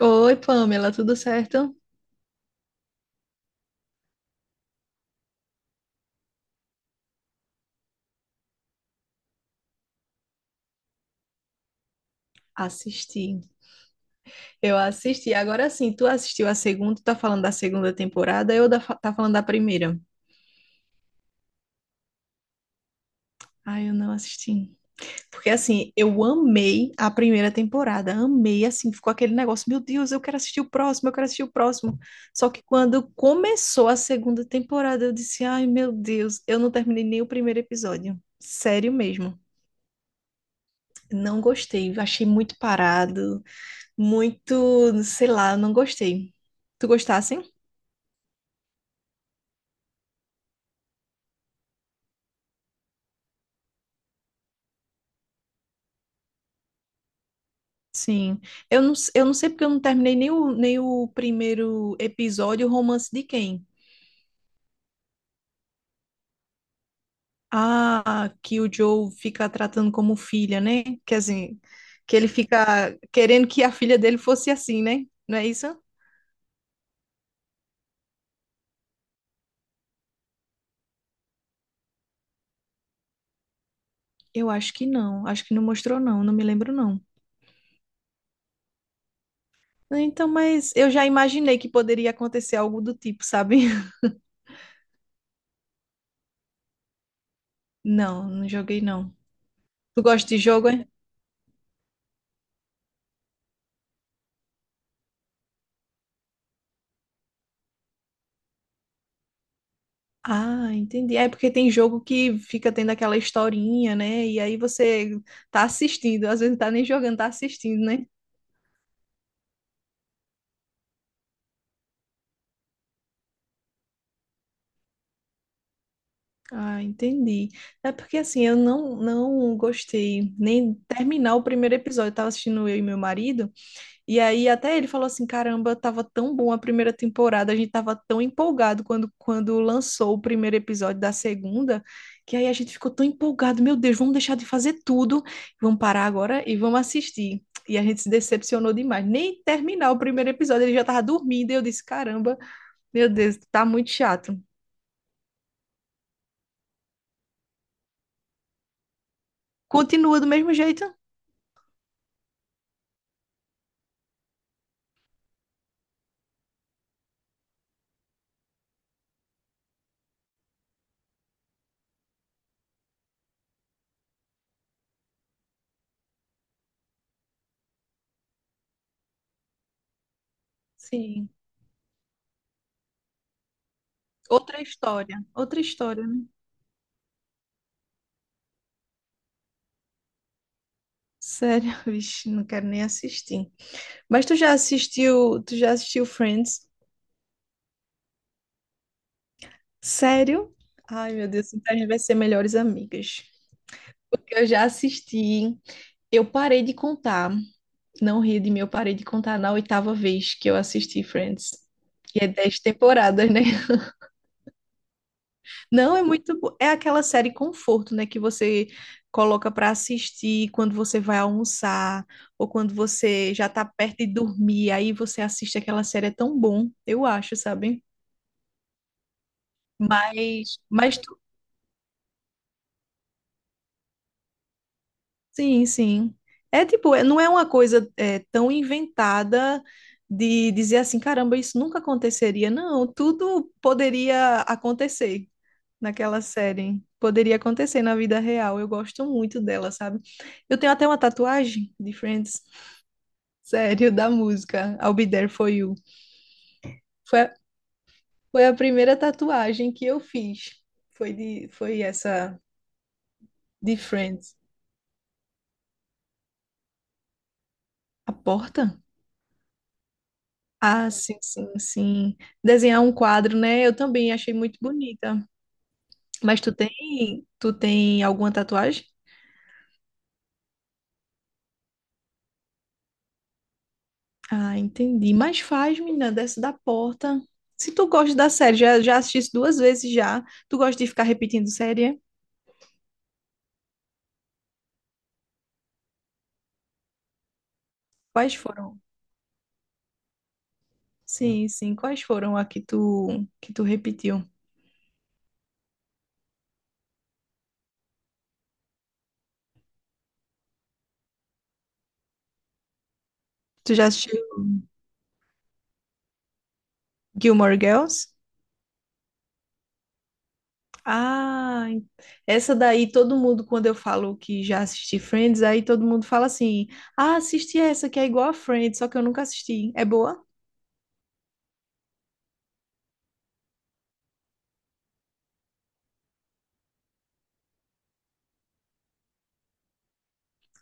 Oi, Pamela, tudo certo? Assisti. Eu assisti. Agora sim, tu assistiu a segunda, tá falando da segunda temporada, tá falando da primeira. Ai, eu não assisti. Porque assim, eu amei a primeira temporada, amei, assim, ficou aquele negócio, meu Deus, eu quero assistir o próximo, eu quero assistir o próximo. Só que quando começou a segunda temporada, eu disse, ai, meu Deus, eu não terminei nem o primeiro episódio. Sério mesmo. Não gostei, achei muito parado, muito, sei lá, eu não gostei. Tu gostasse? Sim. Eu não sei porque eu não terminei nem o primeiro episódio, o romance de quem? Ah, que o Joe fica tratando como filha, né? Quer dizer, que ele fica querendo que a filha dele fosse assim, né? Não é isso? Eu acho que não. Acho que não mostrou, não. Não me lembro, não. Então, mas eu já imaginei que poderia acontecer algo do tipo, sabe? Não, não joguei, não. Tu gosta de jogo, é? Ah, entendi. É porque tem jogo que fica tendo aquela historinha, né? E aí você tá assistindo, às vezes não tá nem jogando, tá assistindo, né? Ah, entendi. É porque assim, eu não gostei nem terminar o primeiro episódio. Eu tava assistindo eu e meu marido. E aí até ele falou assim, caramba, tava tão bom a primeira temporada, a gente tava tão empolgado quando lançou o primeiro episódio da segunda, que aí a gente ficou tão empolgado, meu Deus, vamos deixar de fazer tudo, vamos parar agora e vamos assistir. E a gente se decepcionou demais, nem terminar o primeiro episódio, ele já tava dormindo, e eu disse, caramba, meu Deus, tá muito chato. Continua do mesmo jeito? Sim. Outra história, né? Sério, vixe, não quero nem assistir. Mas tu já assistiu Friends? Sério? Ai, meu Deus, então a gente vai ser melhores amigas. Porque eu já assisti, eu parei de contar, não ri de mim, eu parei de contar na oitava vez que eu assisti Friends. E é 10 temporadas, né? Não, é é aquela série conforto, né, que você coloca pra assistir quando você vai almoçar ou quando você já tá perto de dormir, aí você assiste aquela série, é tão bom, eu acho, sabe? Mas tu. Sim, sim. É não é uma coisa tão inventada de dizer assim, caramba, isso nunca aconteceria. Não, tudo poderia acontecer naquela série. Poderia acontecer na vida real. Eu gosto muito dela, sabe? Eu tenho até uma tatuagem de Friends, sério, da música I'll Be There For You. Foi, a- foi a primeira tatuagem que eu fiz. Foi essa de Friends. A porta? Ah, sim, sim, sim. Desenhar um quadro, né? Eu também achei muito bonita. Mas tu tem alguma tatuagem? Ah, entendi. Mas faz, menina, desce da porta. Se tu gosta da série, já assististe duas vezes já. Tu gosta de ficar repetindo série, é? Quais foram? Sim, sim. Quais foram a que que tu repetiu? Tu já assistiu Gilmore Girls? Ah, essa daí todo mundo, quando eu falo que já assisti Friends, aí todo mundo fala assim: ah, assisti essa que é igual a Friends, só que eu nunca assisti. É boa?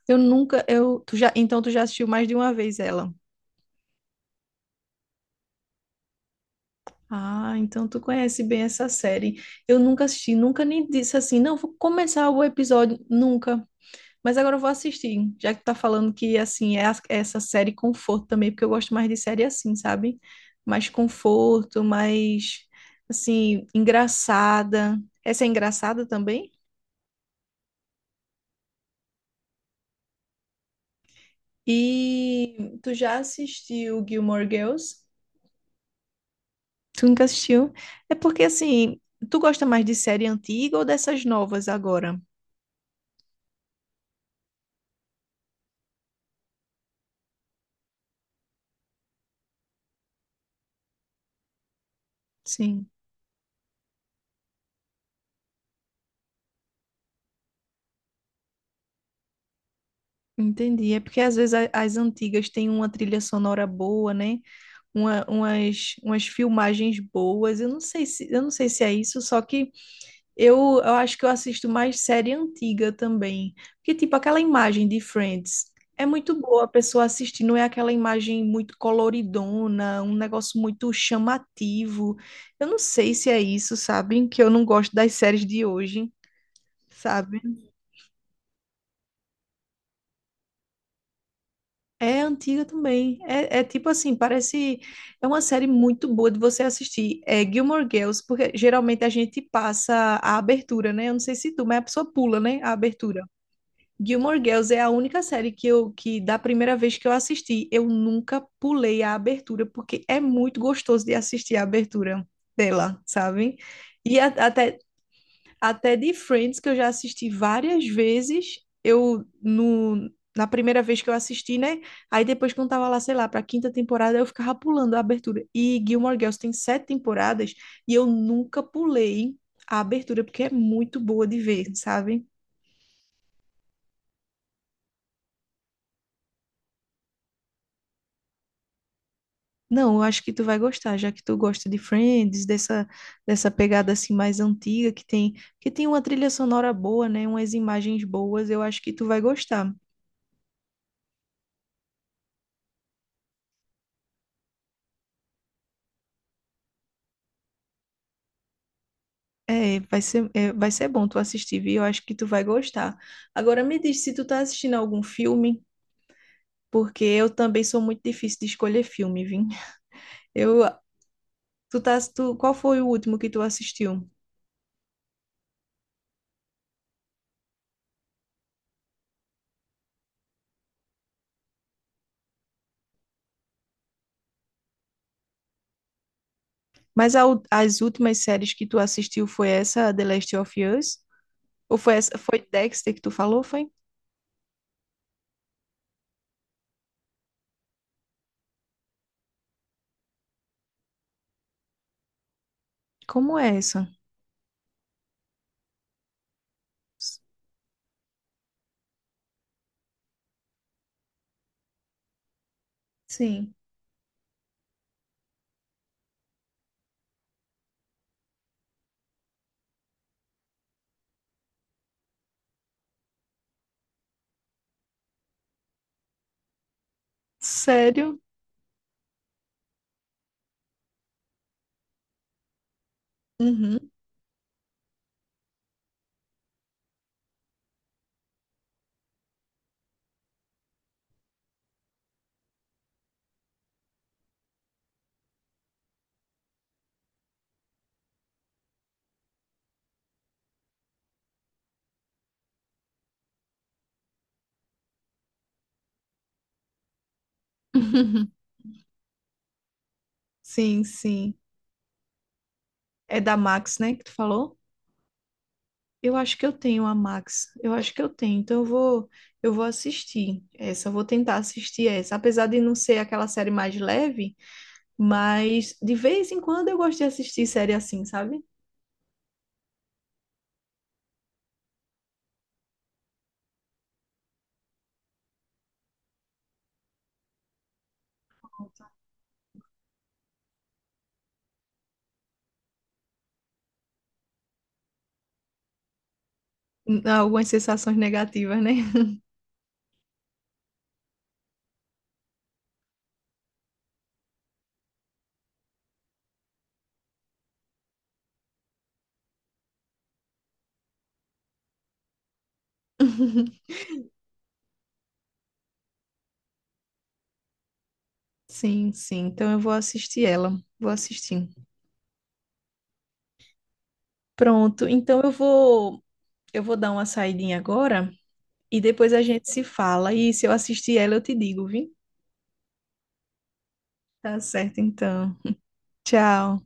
Eu nunca, eu, tu já, então tu já assistiu mais de uma vez ela. Ah, então tu conhece bem essa série. Eu nunca assisti, nunca nem disse assim, não, vou começar o episódio, nunca. Mas agora eu vou assistir, já que tu tá falando que, assim, é essa série conforto também, porque eu gosto mais de série assim, sabe? Mais conforto, mais, assim, engraçada. Essa é engraçada também? E tu já assistiu Gilmore Girls? Tu nunca assistiu? É porque, assim, tu gosta mais de série antiga ou dessas novas agora? Sim, entendi. É porque às vezes as antigas têm uma trilha sonora boa, né? Umas filmagens boas. Eu não sei se é isso, só que eu acho que eu assisto mais série antiga também. Porque, tipo, aquela imagem de Friends é muito boa a pessoa assistir, não é aquela imagem muito coloridona, um negócio muito chamativo. Eu não sei se é isso, sabe? Que eu não gosto das séries de hoje, sabe? É antiga também. É tipo assim, parece. É uma série muito boa de você assistir. É Gilmore Girls, porque geralmente a gente passa a abertura, né? Eu não sei se tu, mas a pessoa pula, né? A abertura. Gilmore Girls é a única série que da primeira vez que eu assisti, eu nunca pulei a abertura, porque é muito gostoso de assistir a abertura dela, sabe? E até de Friends, que eu já assisti várias vezes, eu no, na primeira vez que eu assisti, né? Aí depois quando tava lá, sei lá, pra quinta temporada, eu ficava pulando a abertura. E Gilmore Girls tem sete temporadas e eu nunca pulei a abertura, porque é muito boa de ver, sabe? Não, eu acho que tu vai gostar, já que tu gosta de Friends, dessa pegada assim mais antiga, que tem uma trilha sonora boa, né? Umas imagens boas, eu acho que tu vai gostar. É, vai ser bom tu assistir, viu? Eu acho que tu vai gostar. Agora me diz se tu tá assistindo algum filme, porque eu também sou muito difícil de escolher filme, viu? Eu, tu tá, tu, qual foi o último que tu assistiu? Mas as últimas séries que tu assistiu foi essa, The Last of Us? Ou foi essa, foi Dexter que tu falou, foi? Como é essa? S- Sim. Sério? Uhum. Sim, sim. É da Max, né, que tu falou? Eu acho que eu tenho a Max. Eu acho que eu tenho. Então eu vou assistir essa. Eu vou tentar assistir essa. Apesar de não ser aquela série mais leve, mas de vez em quando eu gosto de assistir série assim, sabe? Algumas sensações negativas, né? Sim, sim. Então eu vou assistir ela. Vou assistir. Pronto. Então eu vou dar uma saidinha agora e depois a gente se fala. E se eu assistir ela, eu te digo, viu? Tá certo, então. Tchau.